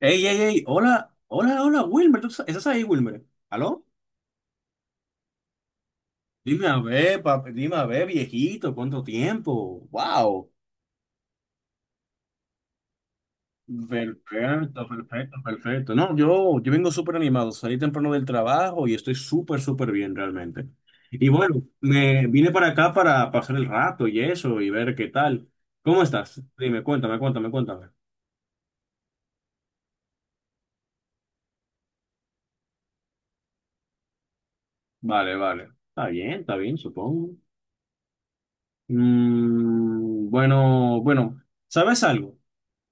Ey, ey, ey, hola, hola, hola, Wilmer, ¿ estás ahí, Wilmer? ¿Aló? Dime a ver, papi, dime a ver, viejito, ¿cuánto tiempo? ¡Wow! Perfecto, perfecto, perfecto. No, yo vengo súper animado, salí temprano del trabajo y estoy súper, súper bien realmente. Y bueno, me vine para acá para pasar el rato y eso y ver qué tal. ¿Cómo estás? Dime, cuéntame, cuéntame, cuéntame. Vale, vale. Está bien, supongo. Bueno, bueno, ¿sabes algo?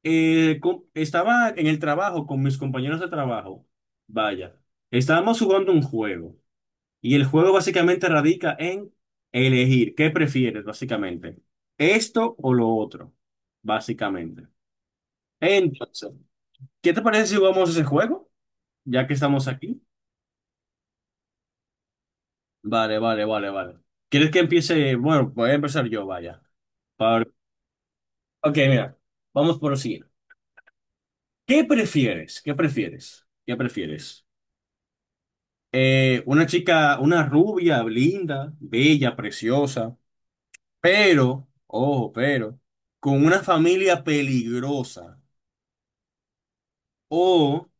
Estaba en el trabajo con mis compañeros de trabajo. Vaya, estábamos jugando un juego y el juego básicamente radica en elegir qué prefieres, básicamente, esto o lo otro, básicamente. Entonces, ¿qué te parece si jugamos ese juego? Ya que estamos aquí. Vale, vale, vale, vale. ¿Quieres que empiece? Bueno, voy a empezar yo, vaya. Para- Ok, mira, vamos por lo siguiente. ¿Qué prefieres? ¿Qué prefieres? ¿Qué prefieres? Una chica, una rubia, linda, bella, preciosa, pero, ojo, pero, con una familia peligrosa. O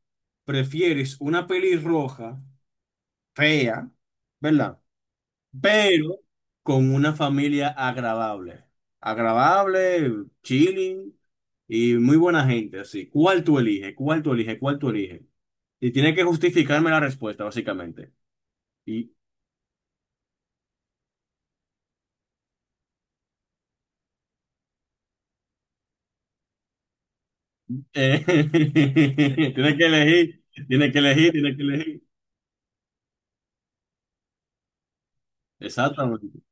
prefieres una pelirroja, fea, ¿verdad? Pero con una familia agradable. Agradable, chilling y muy buena gente, así. ¿Cuál tú eliges? ¿Cuál tú eliges? ¿Cuál tú eliges? Y tiene que justificarme la respuesta, básicamente. y Eh, tienes que elegir, tienes que elegir, tienes que elegir. Exactamente.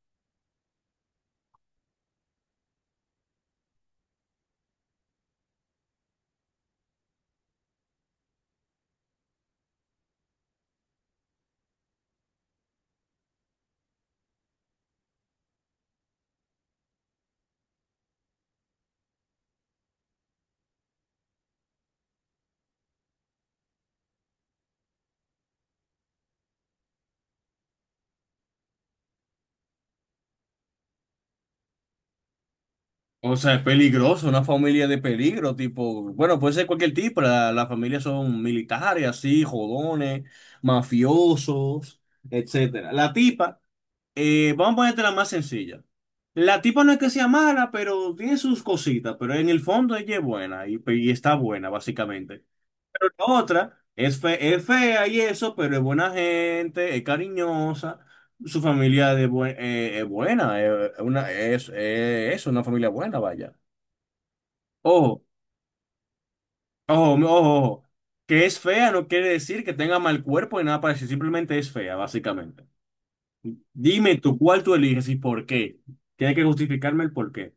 O sea, es peligroso, una familia de peligro, tipo, bueno, puede ser cualquier tipo, las familias son militares, así, jodones, mafiosos, etcétera. La tipa, vamos a ponerte la más sencilla. La tipa no es que sea mala, pero tiene sus cositas, pero en el fondo ella es buena y está buena, básicamente. Otra es, es fea y eso, pero es buena gente, es cariñosa, su familia es buena, es una familia buena, vaya. Ojo, ojo, ojo, ojo, que es fea no quiere decir que tenga mal cuerpo y nada parecido, simplemente es fea, básicamente. Dime tú cuál tú eliges y por qué. Tienes que justificarme el por qué.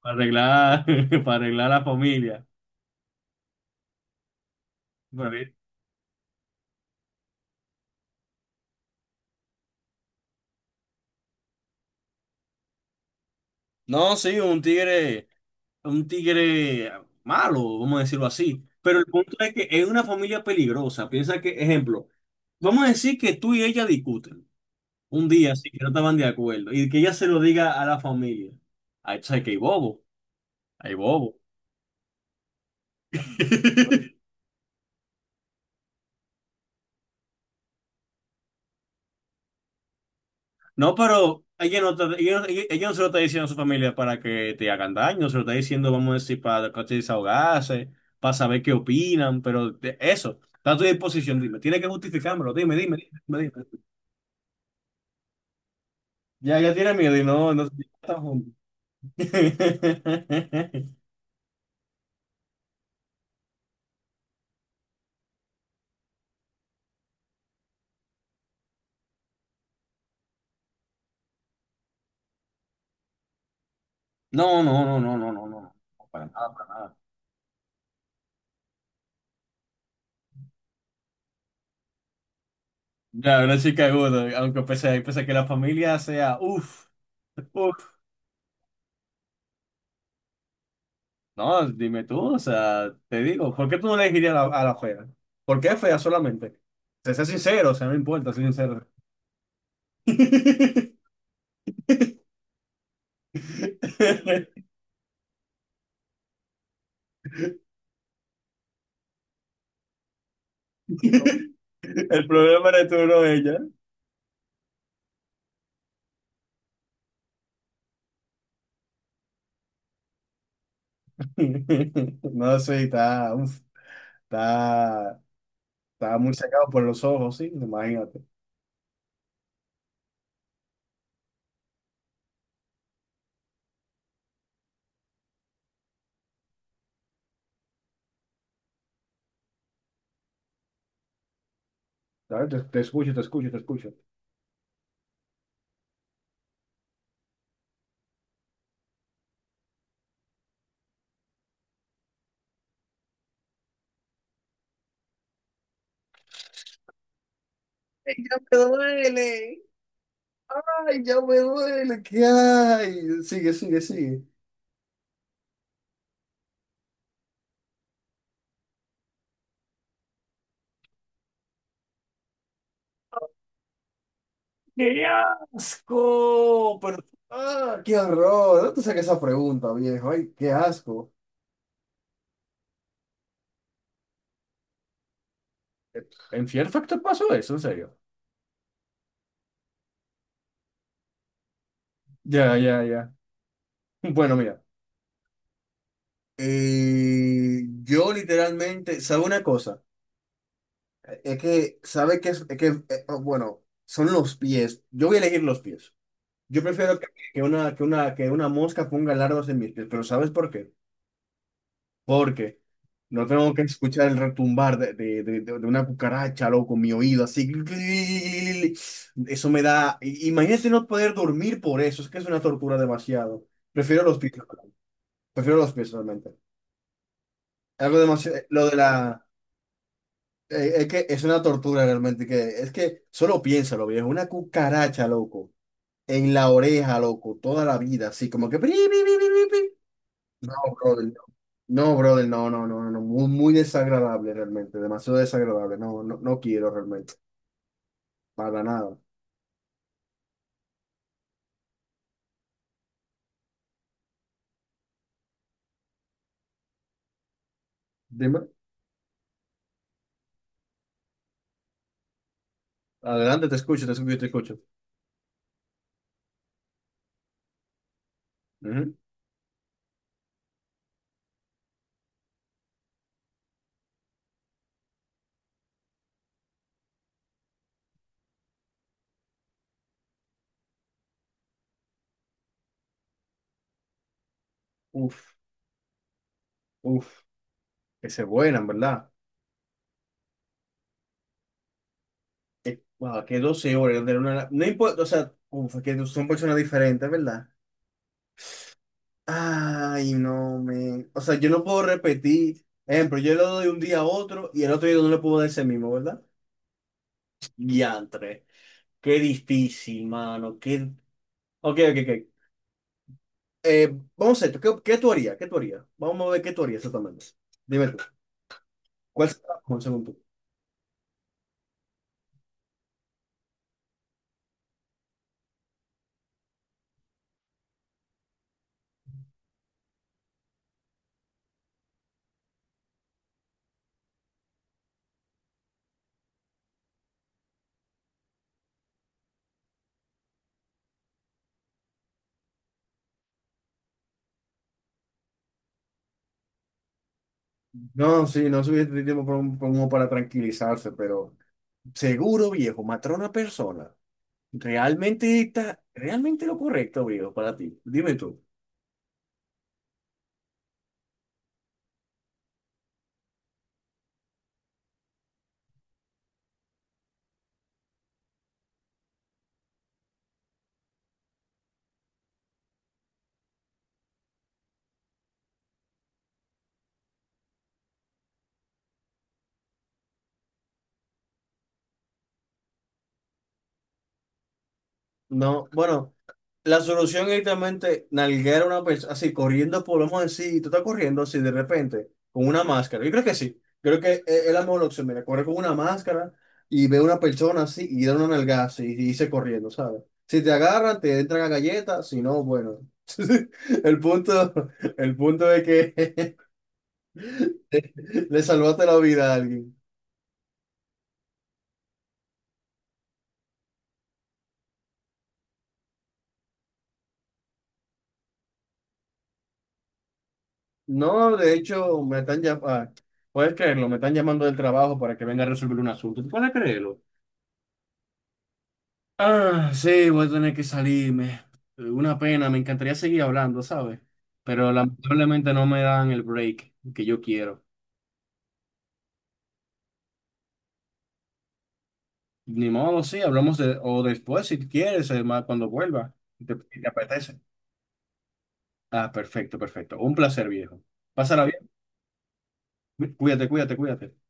Para arreglar, para arreglar la familia. Vale. No, sí, un tigre. Un tigre malo, vamos a decirlo así. Pero el punto es que es una familia peligrosa. Piensa que, ejemplo, vamos a decir que tú y ella discuten un día así, que no estaban de acuerdo, y que ella se lo diga a la familia. Ahí sabes que hay bobo, hay bobo. No, pero ella no se lo está diciendo a su familia para que te hagan daño, se lo está diciendo, vamos a decir, para que te desahogarse, para saber qué opinan, pero eso, está a tu disposición, dime, tiene que justificármelo, dime, dime, dime, dime. Ya, ya tiene miedo y no, no se están juntos. No, no, no, no, no, no, no, no, para nada, para nada. Ya, una chica aguda, aunque pese, pese a que la familia sea, uff, uff. No, dime tú, o sea, te digo, ¿por qué tú no le dirías a la fea? ¿Por qué fea solamente? Sé, sé sincero, o sea, no importa, sé sincero. El problema eres tú, no ella. No, sí, está, uff, está, está muy sacado por los ojos, sí, imagínate. ¿Sabes? Te escucho, te escucho, te escucho. Ay, ya me duele. Ay, ya me duele. ¿Qué hay? Sigue, sigue, sigue. ¡Qué asco! Pero, ah, qué horror. No te saques esa pregunta, viejo. Ay, qué asco. ¿En Fear Factor pasó eso? ¿En serio? Ya, ya, ya. Bueno, mira. Yo literalmente, ¿sabe una cosa? Es que, ¿sabe que es? Es que, oh, bueno, son los pies. Yo voy a elegir los pies. Yo prefiero que, que una mosca ponga lardos en mis pies, pero ¿sabes por qué? Porque no tengo que escuchar el retumbar de una cucaracha, loco, en mi oído, así. Eso me da. Imagínate no poder dormir por eso, es que es una tortura demasiado. Prefiero los pies, prefiero los pies realmente. Algo demasiado. Lo de la. Es que es una tortura realmente, que es que solo piénsalo, viejo, una cucaracha, loco, en la oreja, loco, toda la vida, así como que. No, brother, no. No, brother, no, no, no, no, muy, muy desagradable realmente, demasiado desagradable, no, no, no quiero realmente, para nada. Dime, adelante, te escucho, te escucho, te escucho. Ujú. Uf, uf, que se vuelan, ¿verdad? Wow, que 12 horas, de una, no importa, o sea, uf, que no son personas diferentes, ¿verdad? Ay, no, me, o sea, yo no puedo repetir, ejemplo, yo le doy un día a otro y el otro día no le puedo dar ese mismo, ¿verdad? Diantre, qué difícil, mano, qué... Ok, ok, ok. Vamos a esto. ¿Qué tú harías? ¿Qué tú harías? Vamos a ver qué tú harías exactamente. Dime tú. ¿Cuál será la mejor según tú? No, sí, no suficiente tiempo para, como para tranquilizarse, pero seguro, viejo, matar a una persona. Realmente está, realmente lo correcto, viejo, para ti. Dime tú. No, bueno. La solución es directamente nalguear a una persona, así corriendo, podemos decir, tú estás corriendo así de repente, con una máscara. Yo creo que sí, creo que es la mejor opción. Mira, correr con una máscara y ve a una persona así y da una nalgada así y dice corriendo, ¿sabes? Si te agarran, te entran a galletas, si no, bueno. El punto, el punto es que le salvaste la vida a alguien. No, de hecho, me están llamando, puedes creerlo, me están llamando del trabajo para que venga a resolver un asunto. ¿Tú puedes creerlo? Ah, sí, voy a tener que salirme. Una pena, me encantaría seguir hablando, ¿sabes? Pero lamentablemente no me dan el break que yo quiero. Ni modo, sí, hablamos de, o después si quieres, además, cuando vuelva, si te, si te apetece. Ah, perfecto, perfecto. Un placer, viejo. Pásala bien. Cuídate, cuídate, cuídate.